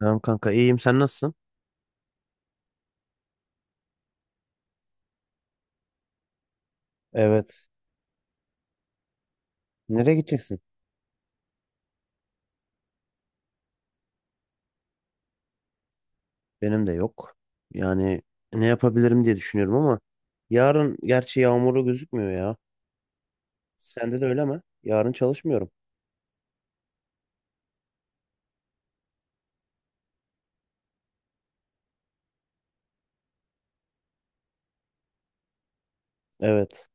Tamam kanka, iyiyim, sen nasılsın? Evet. Nereye gideceksin? Benim de yok. Yani ne yapabilirim diye düşünüyorum ama yarın gerçi yağmurlu gözükmüyor ya. Sende de öyle mi? Yarın çalışmıyorum. Evet.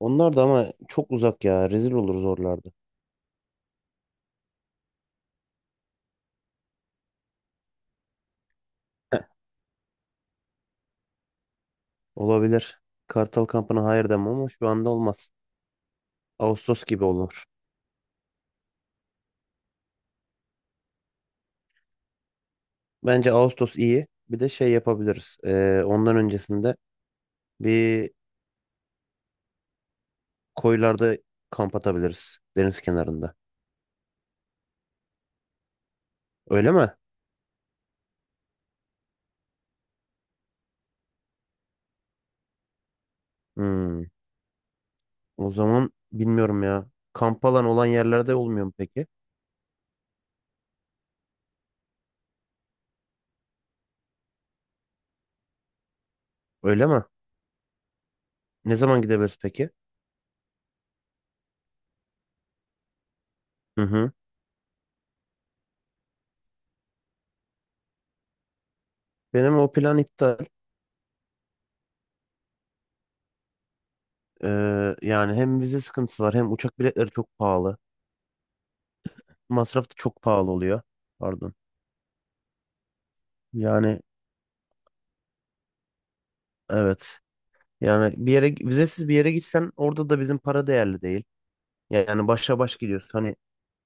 Onlar da ama çok uzak ya. Rezil oluruz oralarda. Heh, olabilir. Kartal kampına hayır demem ama şu anda olmaz. Ağustos gibi olur. Bence Ağustos iyi. Bir de şey yapabiliriz. Ondan öncesinde bir koylarda kamp atabiliriz. Deniz kenarında. Öyle mi? Hmm. O zaman bilmiyorum ya. Kamp alan olan yerlerde olmuyor mu peki? Öyle mi? Ne zaman gidebiliriz peki? Hı hı. Benim o plan iptal. Yani hem vize sıkıntısı var hem uçak biletleri çok pahalı. Masraf da çok pahalı oluyor. Pardon. Yani evet. Yani bir yere vizesiz bir yere gitsen orada da bizim para değerli değil. Yani başa baş gidiyorsun. Hani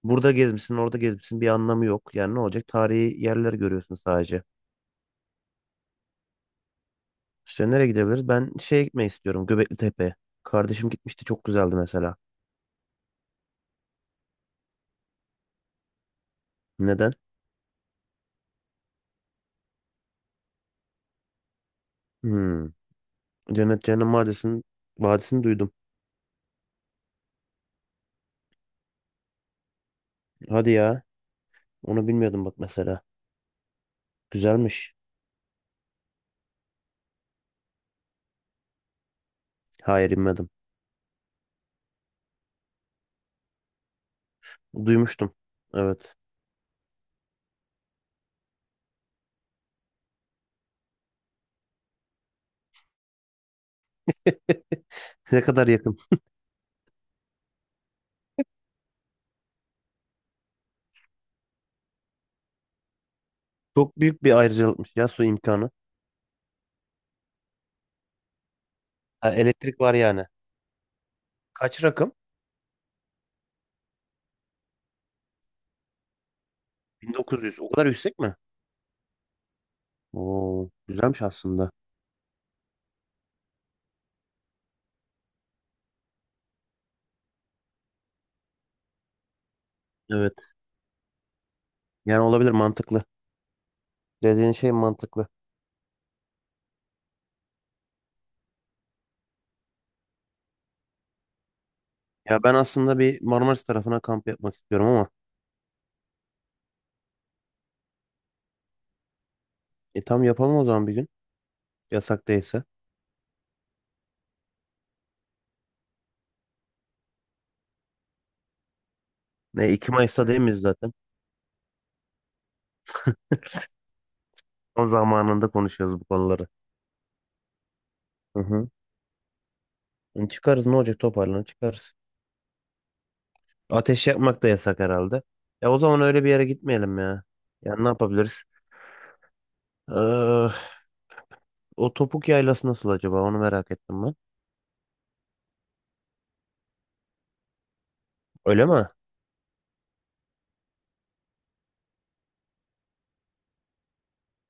burada gezmişsin, orada gezmişsin bir anlamı yok. Yani ne olacak? Tarihi yerler görüyorsun sadece. İşte nereye gidebiliriz? Ben şeye gitmeyi istiyorum. Göbekli Tepe. Kardeşim gitmişti. Çok güzeldi mesela. Neden? Hmm. Cennet Cehennem Vadisi'ni duydum. Hadi ya. Onu bilmiyordum bak mesela. Güzelmiş. Hayır bilmedim. Duymuştum. Evet. Ne kadar yakın. Çok büyük bir ayrıcalıkmış ya, su imkanı. Ha, elektrik var yani. Kaç rakım? 1900. O kadar yüksek mi? Oo, güzelmiş aslında. Evet. Yani olabilir, mantıklı. Dediğin şey mantıklı. Ya ben aslında bir Marmaris tarafına kamp yapmak istiyorum ama E tam yapalım o zaman bir gün. Yasak değilse. Ne 2 Mayıs'ta değil miyiz zaten? Tam zamanında konuşuyoruz bu konuları. Hı hı. E çıkarız, ne olacak, toparlanır çıkarız. Ateş yakmak da yasak herhalde. Ya o zaman öyle bir yere gitmeyelim ya. Ya ne yapabiliriz? Ee, O topuk yaylası nasıl acaba? Onu merak ettim ben. Öyle mi?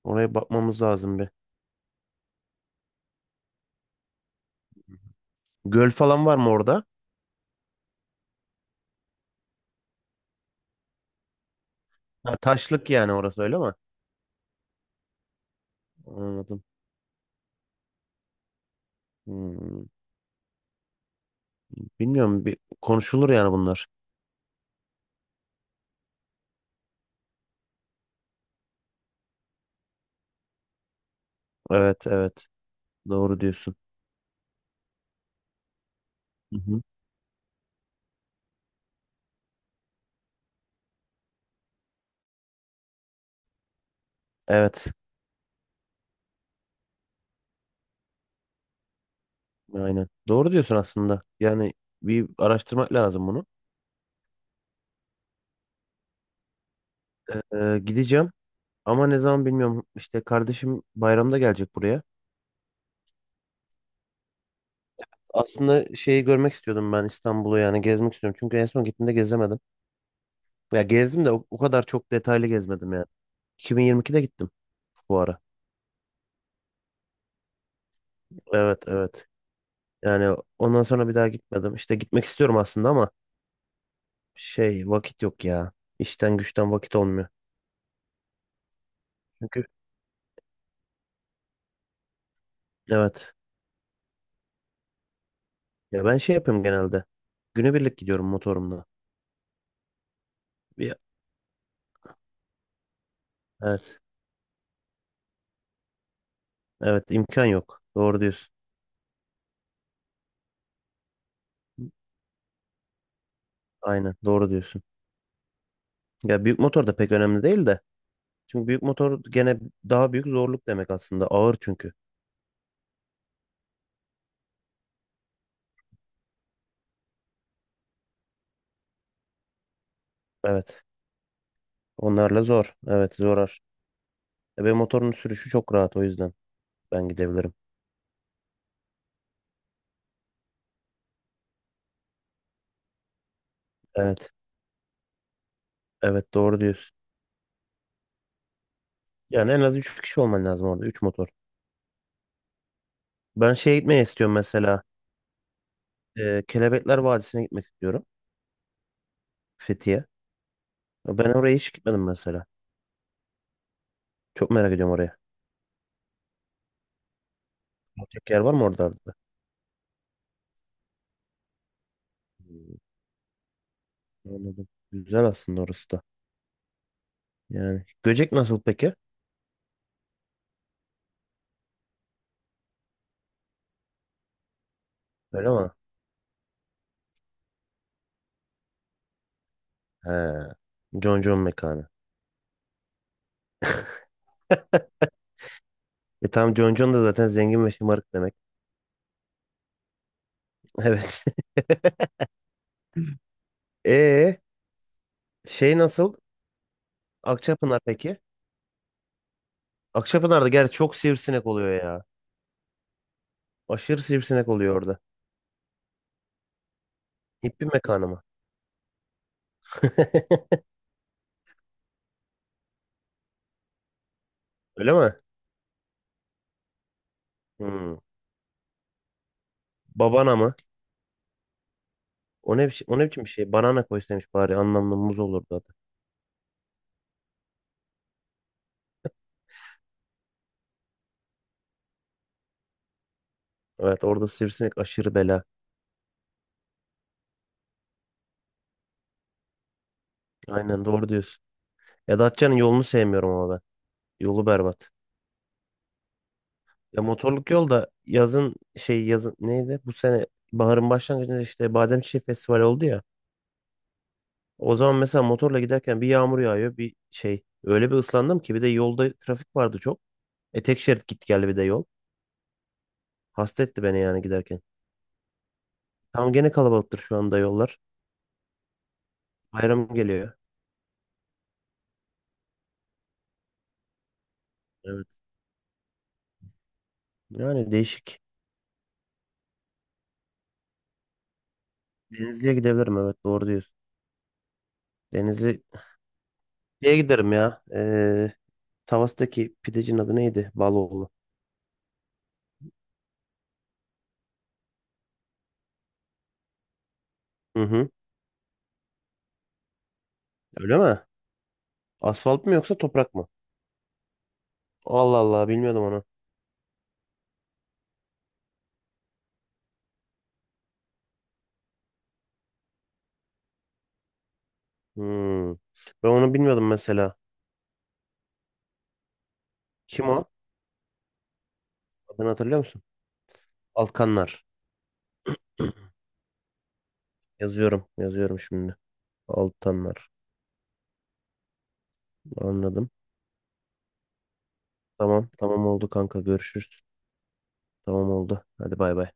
Oraya bakmamız lazım bir. Göl falan var mı orada? Ha, taşlık yani orası, öyle mi? Anladım. Hmm. Bilmiyorum, bir konuşulur yani bunlar. Evet, evet. Doğru diyorsun. Hı hı. Evet. Aynen. Doğru diyorsun aslında. Yani bir araştırmak lazım bunu. Gideceğim ama ne zaman bilmiyorum. İşte kardeşim bayramda gelecek buraya. Aslında şeyi görmek istiyordum ben, İstanbul'u yani gezmek istiyorum. Çünkü en son gittiğimde gezemedim. Ya gezdim de o kadar çok detaylı gezmedim yani. 2022'de gittim bu ara. Evet, evet. Yani ondan sonra bir daha gitmedim. İşte gitmek istiyorum aslında ama şey, vakit yok ya. İşten güçten vakit olmuyor. Çünkü evet. Ya ben şey yapıyorum genelde. Günübirlik gidiyorum motorumla. Bir- Evet. Evet, imkan yok. Doğru diyorsun. Aynen doğru diyorsun. Ya büyük motor da pek önemli değil de. Çünkü büyük motor gene daha büyük zorluk demek aslında. Ağır çünkü. Evet. Onlarla zor. Evet, zorar. Benim motorun sürüşü çok rahat, o yüzden ben gidebilirim. Evet. Evet, doğru diyorsun. Yani en az 3 kişi olman lazım orada, 3 motor. Ben şeye gitmeyi istiyorum mesela. Kelebekler Vadisi'ne gitmek istiyorum. Fethiye. Ben oraya hiç gitmedim mesela. Çok merak ediyorum oraya. Gidecek yer var mı orada? Anladım. Güzel aslında orası da. Yani Göcek nasıl peki? Öyle mi? He. Concon mekanı. E tam, Concon da zaten zengin ve şımarık demek. Evet. E, şey nasıl? Akçapınar peki? Akçapınar'da gerçi çok sivrisinek oluyor ya. Aşırı sivrisinek oluyor orada. Hippi mekanı mı? Öyle mi? Hmm. Babana mı? O ne biçim bir şey? Banana koysaymış bari, anlamlı muz olurdu adı. Evet, orada sivrisinek aşırı bela. Aynen doğru diyorsun. Ya Datça'nın yolunu sevmiyorum ama yolu berbat. Ya motorluk yol da yazın, şey, yazın neydi? Bu sene baharın başlangıcında işte Bademçiçeği Festivali oldu ya. O zaman mesela motorla giderken bir yağmur yağıyor bir şey. Öyle bir ıslandım ki, bir de yolda trafik vardı çok. E tek şerit gitti geldi bir de yol. Hasta etti beni yani giderken. Tam gene kalabalıktır şu anda yollar. Bayram geliyor. Evet. Yani değişik. Denizli'ye gidebilirim, evet, doğru diyorsun. Denizli Şeye giderim ya. Tavas'taki pidecin adı neydi? Baloğlu. Hı hı. Öyle mi? Asfalt mı yoksa toprak mı? Allah Allah, bilmiyordum onu. Hmm. Ben onu bilmiyordum mesela. Kim o? Adını hatırlıyor musun? Alkanlar. Yazıyorum. Yazıyorum şimdi. Altanlar. Anladım. Tamam. Tamam, oldu kanka. Görüşürüz. Tamam, oldu. Hadi bay bay.